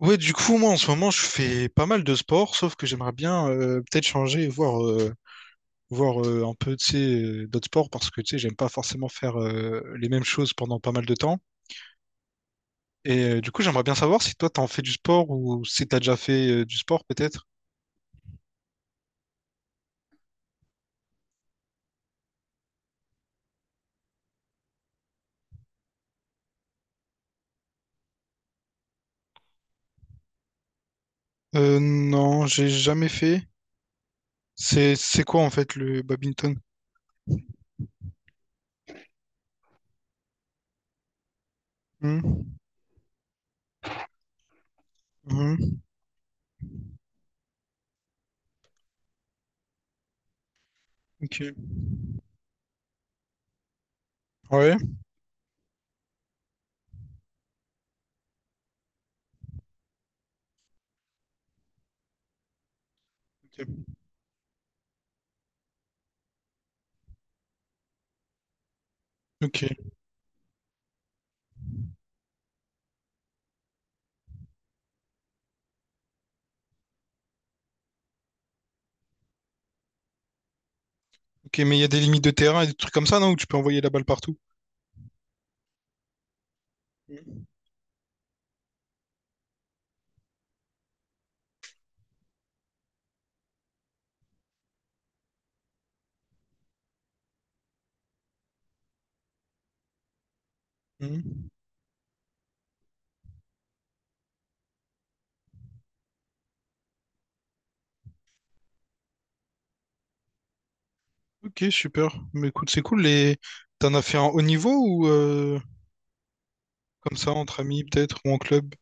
Ouais, du coup, moi, en ce moment, je fais pas mal de sport, sauf que j'aimerais bien peut-être changer, et voir un peu, tu sais, d'autres sports, parce que, tu sais, j'aime pas forcément faire les mêmes choses pendant pas mal de temps. Et du coup, j'aimerais bien savoir si toi, t'en fais du sport ou si t'as déjà fait du sport, peut-être. Non, j'ai jamais fait. C'est quoi, en fait, le badminton? Mhm. Mhm. Ok. Ouais. Ok. Ok. Ok, mais il y a des limites de terrain et des trucs comme ça, non? Où tu peux envoyer la balle partout. Mhm. Mhm. Ok, super. Mais écoute, c'est cool. T'en as fait un haut niveau ou comme ça, entre amis peut-être, ou en club?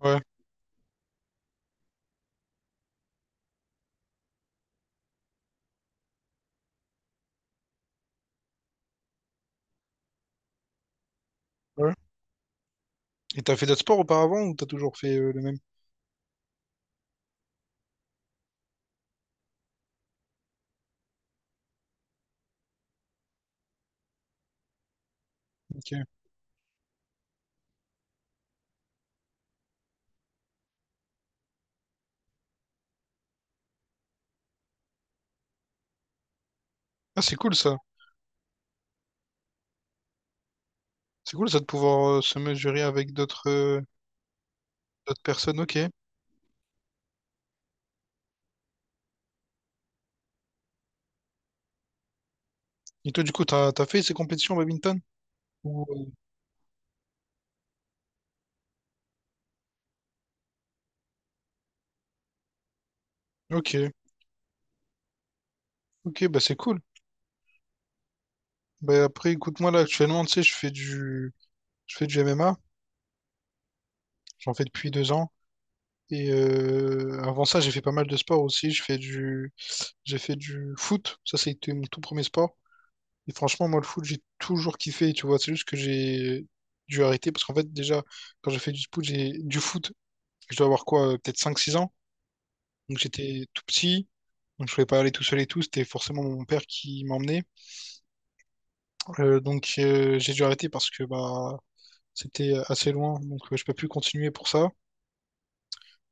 Ouais. Ouais. Et t'as fait d'autres sports auparavant ou t'as toujours fait le même? Ok. Ah, c'est cool ça. C'est cool ça de pouvoir se mesurer avec d'autres personnes, ok. Et toi du coup t'as fait ces compétitions au badminton? Ou, euh, Ok, ok, bah c'est cool. Bah après écoute moi là actuellement tu sais je fais du MMA, j'en fais depuis 2 ans. Et avant ça j'ai fait pas mal de sports aussi. Je fais du J'ai fait du foot, ça c'était mon tout premier sport. Et franchement moi le foot j'ai toujours kiffé, tu vois, c'est juste que j'ai dû arrêter parce qu'en fait déjà quand j'ai fait du foot, je dois avoir quoi, peut-être 5-6 ans. Donc j'étais tout petit, donc je pouvais pas aller tout seul et tout, c'était forcément mon père qui m'emmenait. Donc j'ai dû arrêter parce que bah c'était assez loin, donc je peux plus continuer pour ça.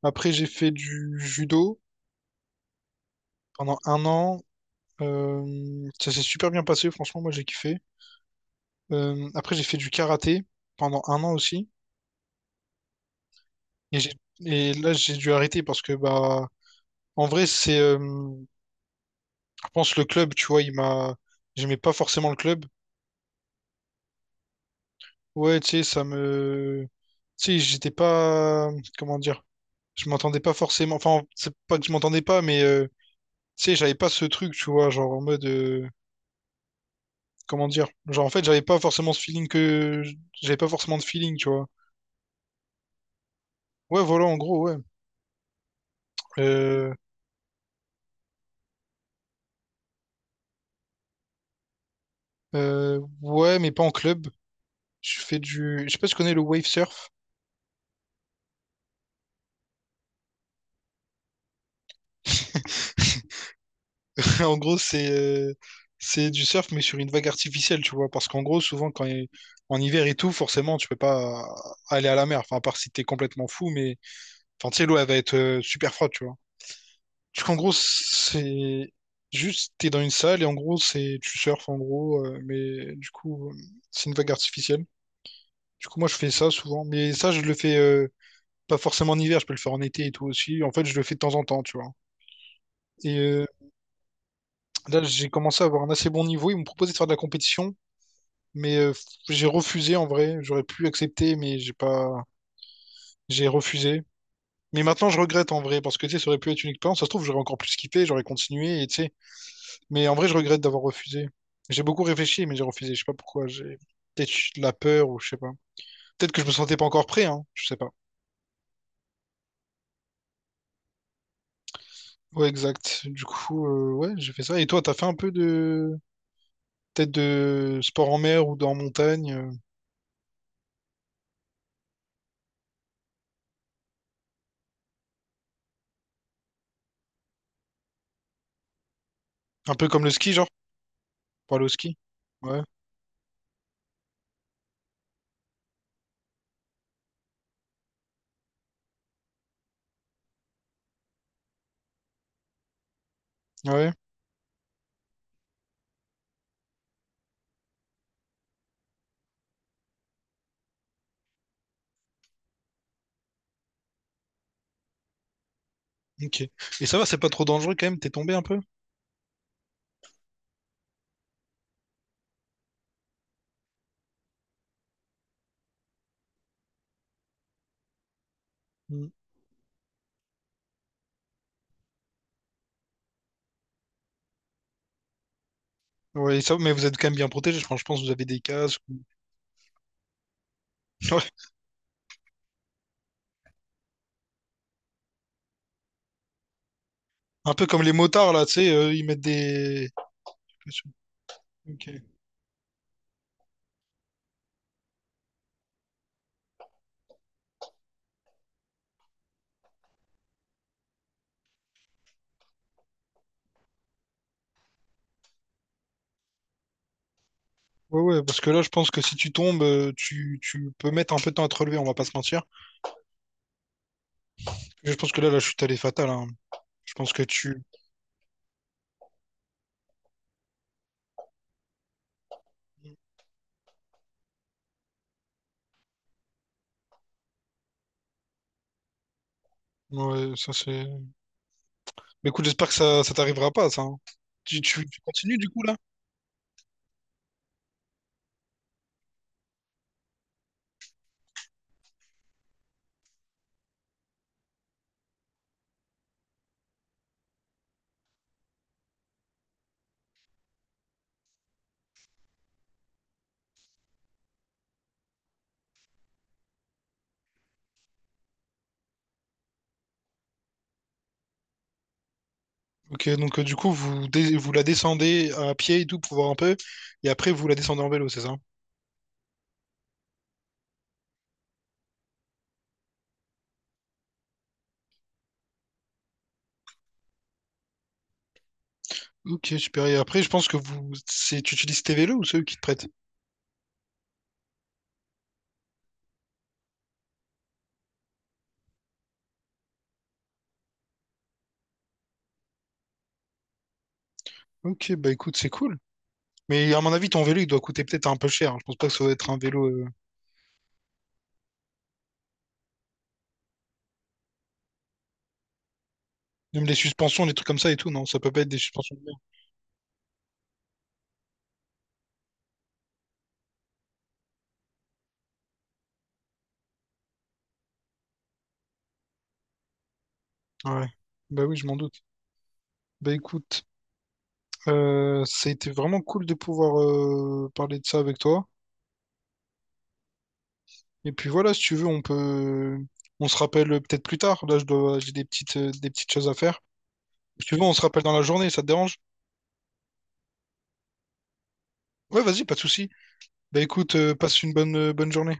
Après j'ai fait du judo pendant un an. Ça s'est super bien passé, franchement moi j'ai kiffé. Après j'ai fait du karaté pendant un an aussi, et j'ai et là j'ai dû arrêter parce que bah en vrai c'est, je pense le club, tu vois, j'aimais pas forcément le club. Ouais, tu sais, ça me... Tu sais, j'étais pas... Comment dire? Je m'entendais pas forcément... Enfin, c'est pas que je m'entendais pas, mais tu sais, j'avais pas ce truc, tu vois, genre en mode... Comment dire? Genre, en fait, j'avais pas forcément ce feeling que... J'avais pas forcément de feeling, tu vois. Ouais, voilà, en gros, ouais. Euh, ouais, mais pas en club. Je sais pas si tu connais le wave surf. En gros, c'est c'est du surf, mais sur une vague artificielle, tu vois. Parce qu'en gros, souvent, en hiver et tout, forcément, tu peux pas aller à la mer. Enfin, à part si t'es complètement fou, mais enfin, tu sais, l'eau, elle va être super froide, tu vois. Donc, en gros, c'est juste, t'es dans une salle et en gros, c'est tu surfes, en gros, mais du coup, c'est une vague artificielle. Du coup, moi, je fais ça souvent. Mais ça, je le fais pas forcément en hiver, je peux le faire en été et tout aussi. En fait, je le fais de temps en temps, tu vois. Et là, j'ai commencé à avoir un assez bon niveau. Ils m'ont proposé de faire de la compétition. Mais j'ai refusé en vrai. J'aurais pu accepter, mais j'ai pas. J'ai refusé. Mais maintenant, je regrette en vrai, parce que tu sais, ça aurait pu être une expérience. Ça se trouve, j'aurais encore plus kiffé, j'aurais continué, et tu sais. Mais en vrai, je regrette d'avoir refusé. J'ai beaucoup réfléchi, mais j'ai refusé. Je sais pas pourquoi. J'ai peut-être de la peur ou je sais pas. Peut-être que je me sentais pas encore prêt, hein. Je sais pas. Ouais, exact. Du coup, ouais, j'ai fait ça. Et toi, t'as fait un peu de. Peut-être de sport en mer ou dans montagne. Un peu comme le ski, genre, pour aller au ski. Ouais, ouais, ok. Et ça va, c'est pas trop dangereux quand même, t'es tombé un peu? Oui, ça, mais vous êtes quand même bien protégé. Je pense que vous avez des casques. Ouais. Un peu comme les motards, là, tu sais, ils mettent des... Ok. Ouais, ouais, parce que là, je pense que si tu tombes, tu peux mettre un peu de temps à te relever, on va pas se mentir. Je pense que là, la chute, elle est fatale, hein. Je pense que tu... Ouais, ça, c'est... Mais écoute, j'espère que ça t'arrivera pas, ça. Hein. Tu continues, du coup, là? Ok, donc, du coup, vous la descendez à pied et tout pour voir un peu, et après, vous la descendez en vélo, c'est ça? Ok, super. Et après, je pense que tu utilises tes vélos ou ceux qui te prêtent? Ok, bah écoute, c'est cool. Mais à mon avis, ton vélo, il doit coûter peut-être un peu cher. Je pense pas que ça doit être un vélo. Même les suspensions, les trucs comme ça et tout, non? Ça peut pas être des suspensions de merde. Ouais. Bah oui, je m'en doute. Bah écoute, ça a été vraiment cool de pouvoir parler de ça avec toi. Et puis voilà, si tu veux, on se rappelle peut-être plus tard. Là, j'ai des petites choses à faire. Si tu veux, on se rappelle dans la journée. Ça te dérange? Ouais, vas-y, pas de souci. Bah écoute, passe une bonne journée.